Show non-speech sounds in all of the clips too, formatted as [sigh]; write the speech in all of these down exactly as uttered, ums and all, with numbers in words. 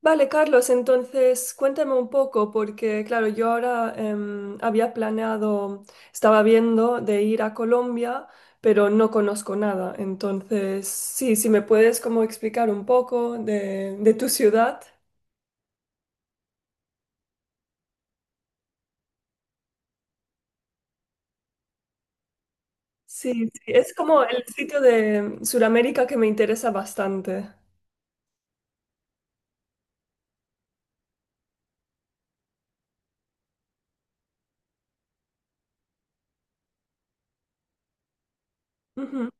Vale, Carlos, entonces cuéntame un poco, porque claro, yo ahora em, había planeado, estaba viendo de ir a Colombia, pero no conozco nada. Entonces, sí, si me puedes como explicar un poco de, de tu ciudad. Sí, sí, es como el sitio de Sudamérica que me interesa bastante. Ujú.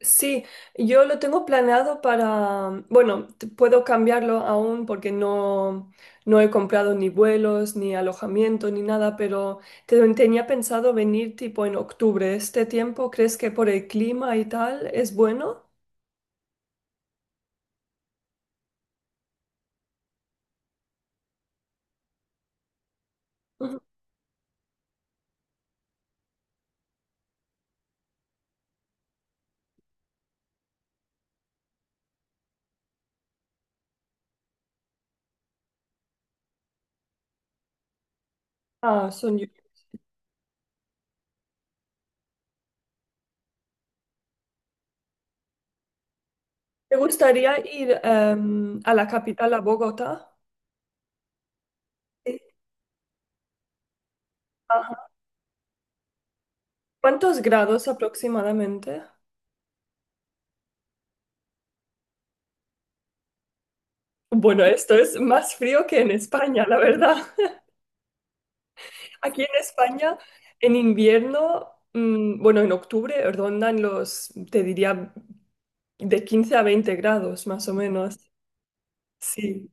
Sí, yo lo tengo planeado para, bueno, t- puedo cambiarlo aún porque no, no he comprado ni vuelos, ni alojamiento, ni nada, pero te- tenía pensado venir tipo en octubre. ¿Este tiempo crees que por el clima y tal es bueno? Ujú. Ah, son llu- ¿Te gustaría ir em, a la capital, a Bogotá? Sí. Ajá. ¿Cuántos grados aproximadamente? Bueno, esto es más frío que en España, la verdad. Aquí en España, en invierno, mm, bueno, en octubre rondan los, te diría, de quince a veinte grados, más o menos. Sí.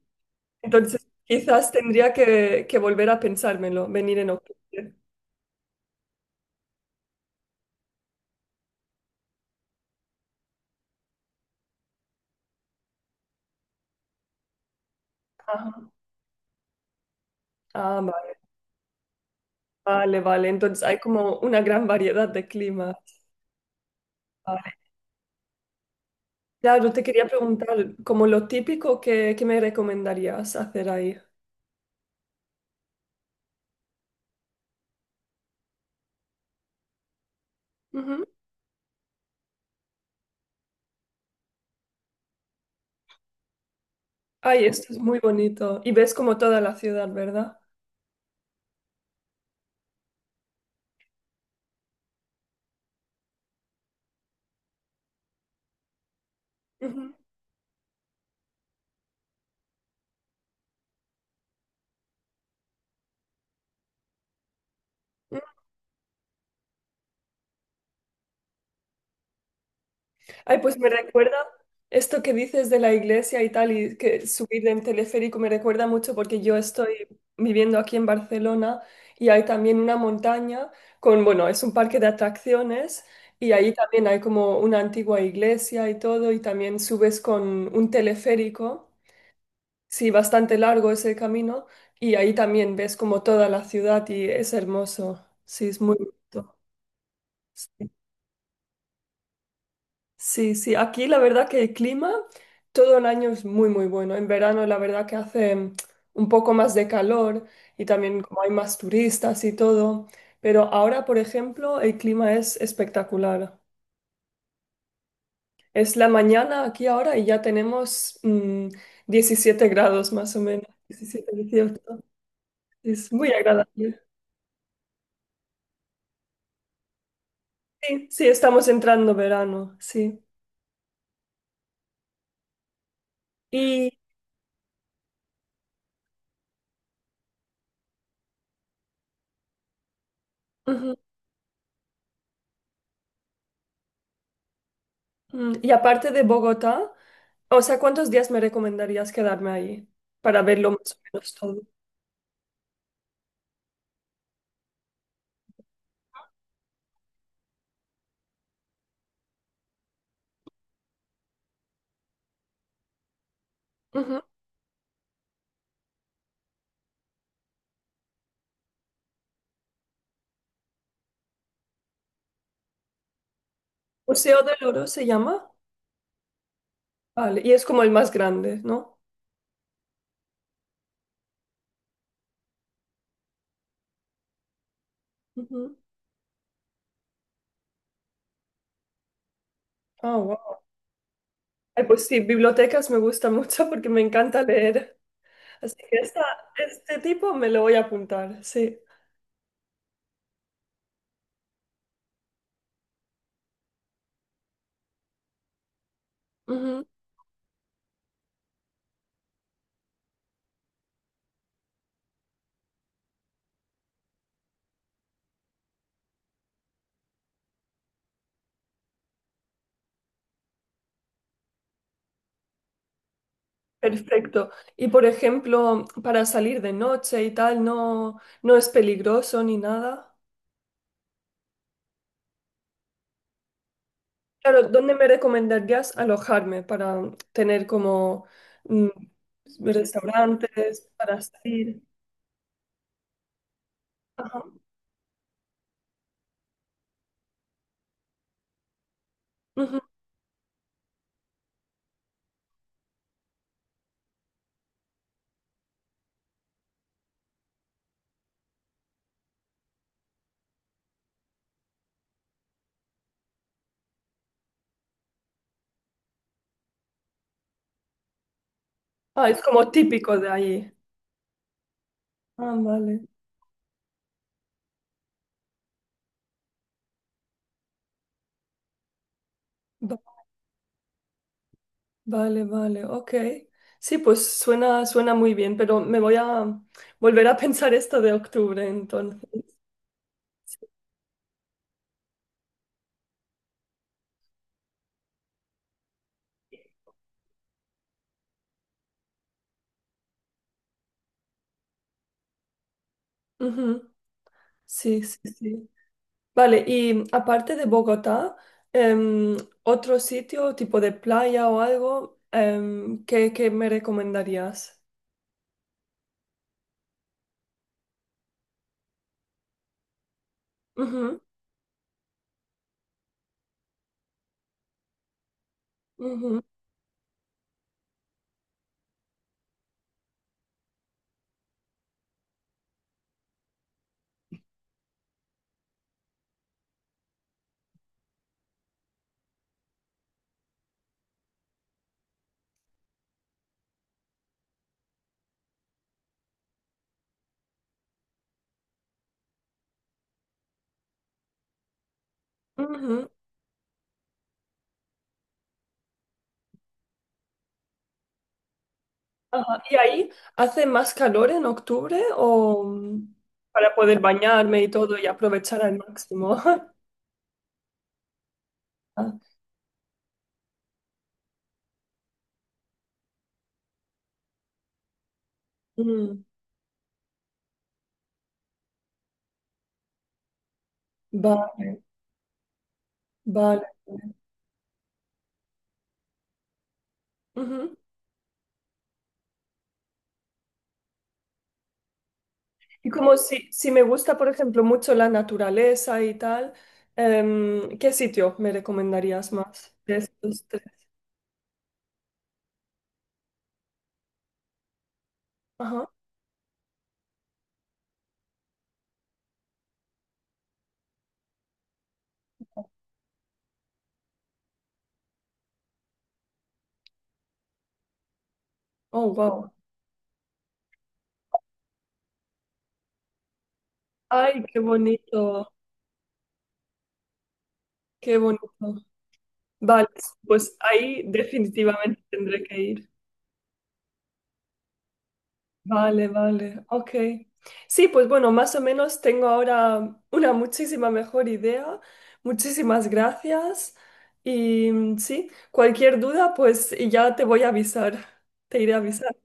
Entonces, quizás tendría que, que volver a pensármelo, venir en octubre. Ajá. Ah, va- vale, vale. Entonces, hay como una gran variedad de climas. Vale. Claro, te quería preguntar, como lo típico, ¿qué, qué me recomendarías hacer ahí? Ujú. Ay, esto es muy bonito. Y ves como toda la ciudad, ¿verdad? Ujú. Ay, pues me recuerda esto que dices de la iglesia y tal, y que subir en teleférico me recuerda mucho porque yo estoy viviendo aquí en Barcelona y hay también una montaña con, bueno, es un parque de atracciones y ahí también hay como una antigua iglesia y todo, y también subes con un teleférico, sí, bastante largo es el camino, y ahí también ves como toda la ciudad y es hermoso, sí, es muy bonito. Sí. Sí, sí, aquí la verdad que el clima todo el año es muy, muy bueno. En verano la verdad que hace mm, un poco más de calor y también como hay más turistas y todo. Pero ahora, por ejemplo, el clima es espectacular. Es la mañana aquí ahora y ya tenemos mm, diecisiete grados más o menos, diecisiete, dieciocho. Es muy agradable. Sí, sí, estamos entrando verano, sí. Y, Ujú. Mm, y aparte de Bogotá. O sea, ¿cuántos días me recomendarías quedarme ahí para verlo más o menos todo? Ujú. Museo del Oro se llama. Vale, y es como el más grande, ¿no? Ujú. Ah, wow. Ay, pues sí, bibliotecas me gusta [laughs] mucho porque me encanta leer. Así que esta- este tipo me lo voy a apuntar, sí. Ujú. Perfecto. Y por ejemplo, para salir de noche y tal, no, no es peligroso ni nada. Claro, ¿dónde me recomendarías alojarme para tener como mm, restaurantes para salir? Ajá, ujú. Ah, es como típico de allí. Ah, vale. Va- Vale, vale, ok. Sí, pues suena, suena muy bien, pero me voy a volver a [laughs] pensar esto de octubre, entonces. Ujú. Sí, sí, sí. Vale, y aparte de Bogotá, em, otro sitio tipo de playa o algo em, que, que me recomendarías. Ujú, ujú, ujú. Ajá. ¿Y ahí hace más calor en octubre o mm, para poder bañarme y todo y aprovechar al máximo? [laughs] Ah, mm, va- vale. Ujú. Y como si, si me gusta, por ejemplo, mucho la naturaleza y tal, em, ¿qué sitio me recomendarías más de estos tres? Oh, wow. Ay, qué bonito, qué bonito. Vale, pues ahí definitivamente tendré que ir. Vale, vale, ok. Sí, pues bueno, más o menos tengo ahora una muchísima mejor idea. Muchísimas gracias. Y mm, sí, cualquier duda, pues y ya te voy a avisar. Te iré a avisar.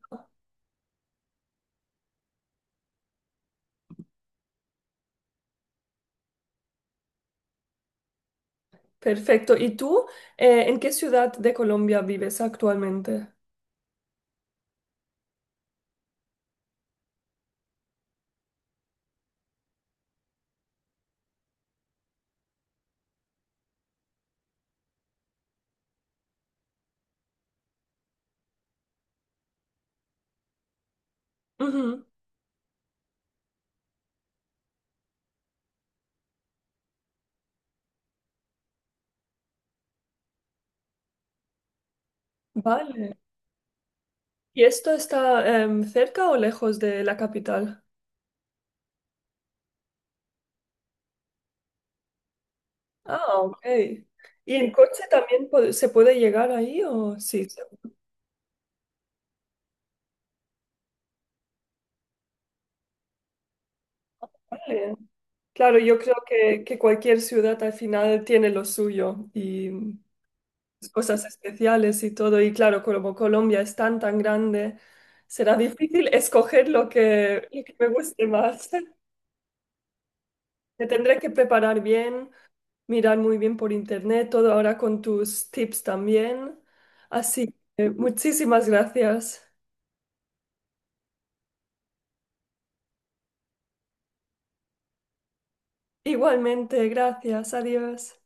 Perfecto. ¿Y tú, eh, en qué ciudad de Colombia vives actualmente? Ujú. Vale. ¿Y esto está em, cerca o lejos de la capital? Ah, ok. ¿Y en coche también po- se puede llegar ahí o sí, se puede? Claro, yo creo que, que cualquier ciudad al final tiene lo suyo y cosas especiales y todo. Y claro, como Colombia es tan, tan grande, será difícil escoger lo que, lo que me guste más. [laughs] Me tendré que preparar bien mirar muy bien por internet, todo ahora con tus tips también. Así que muchísimas gracias. Igualmente, gracias, adiós.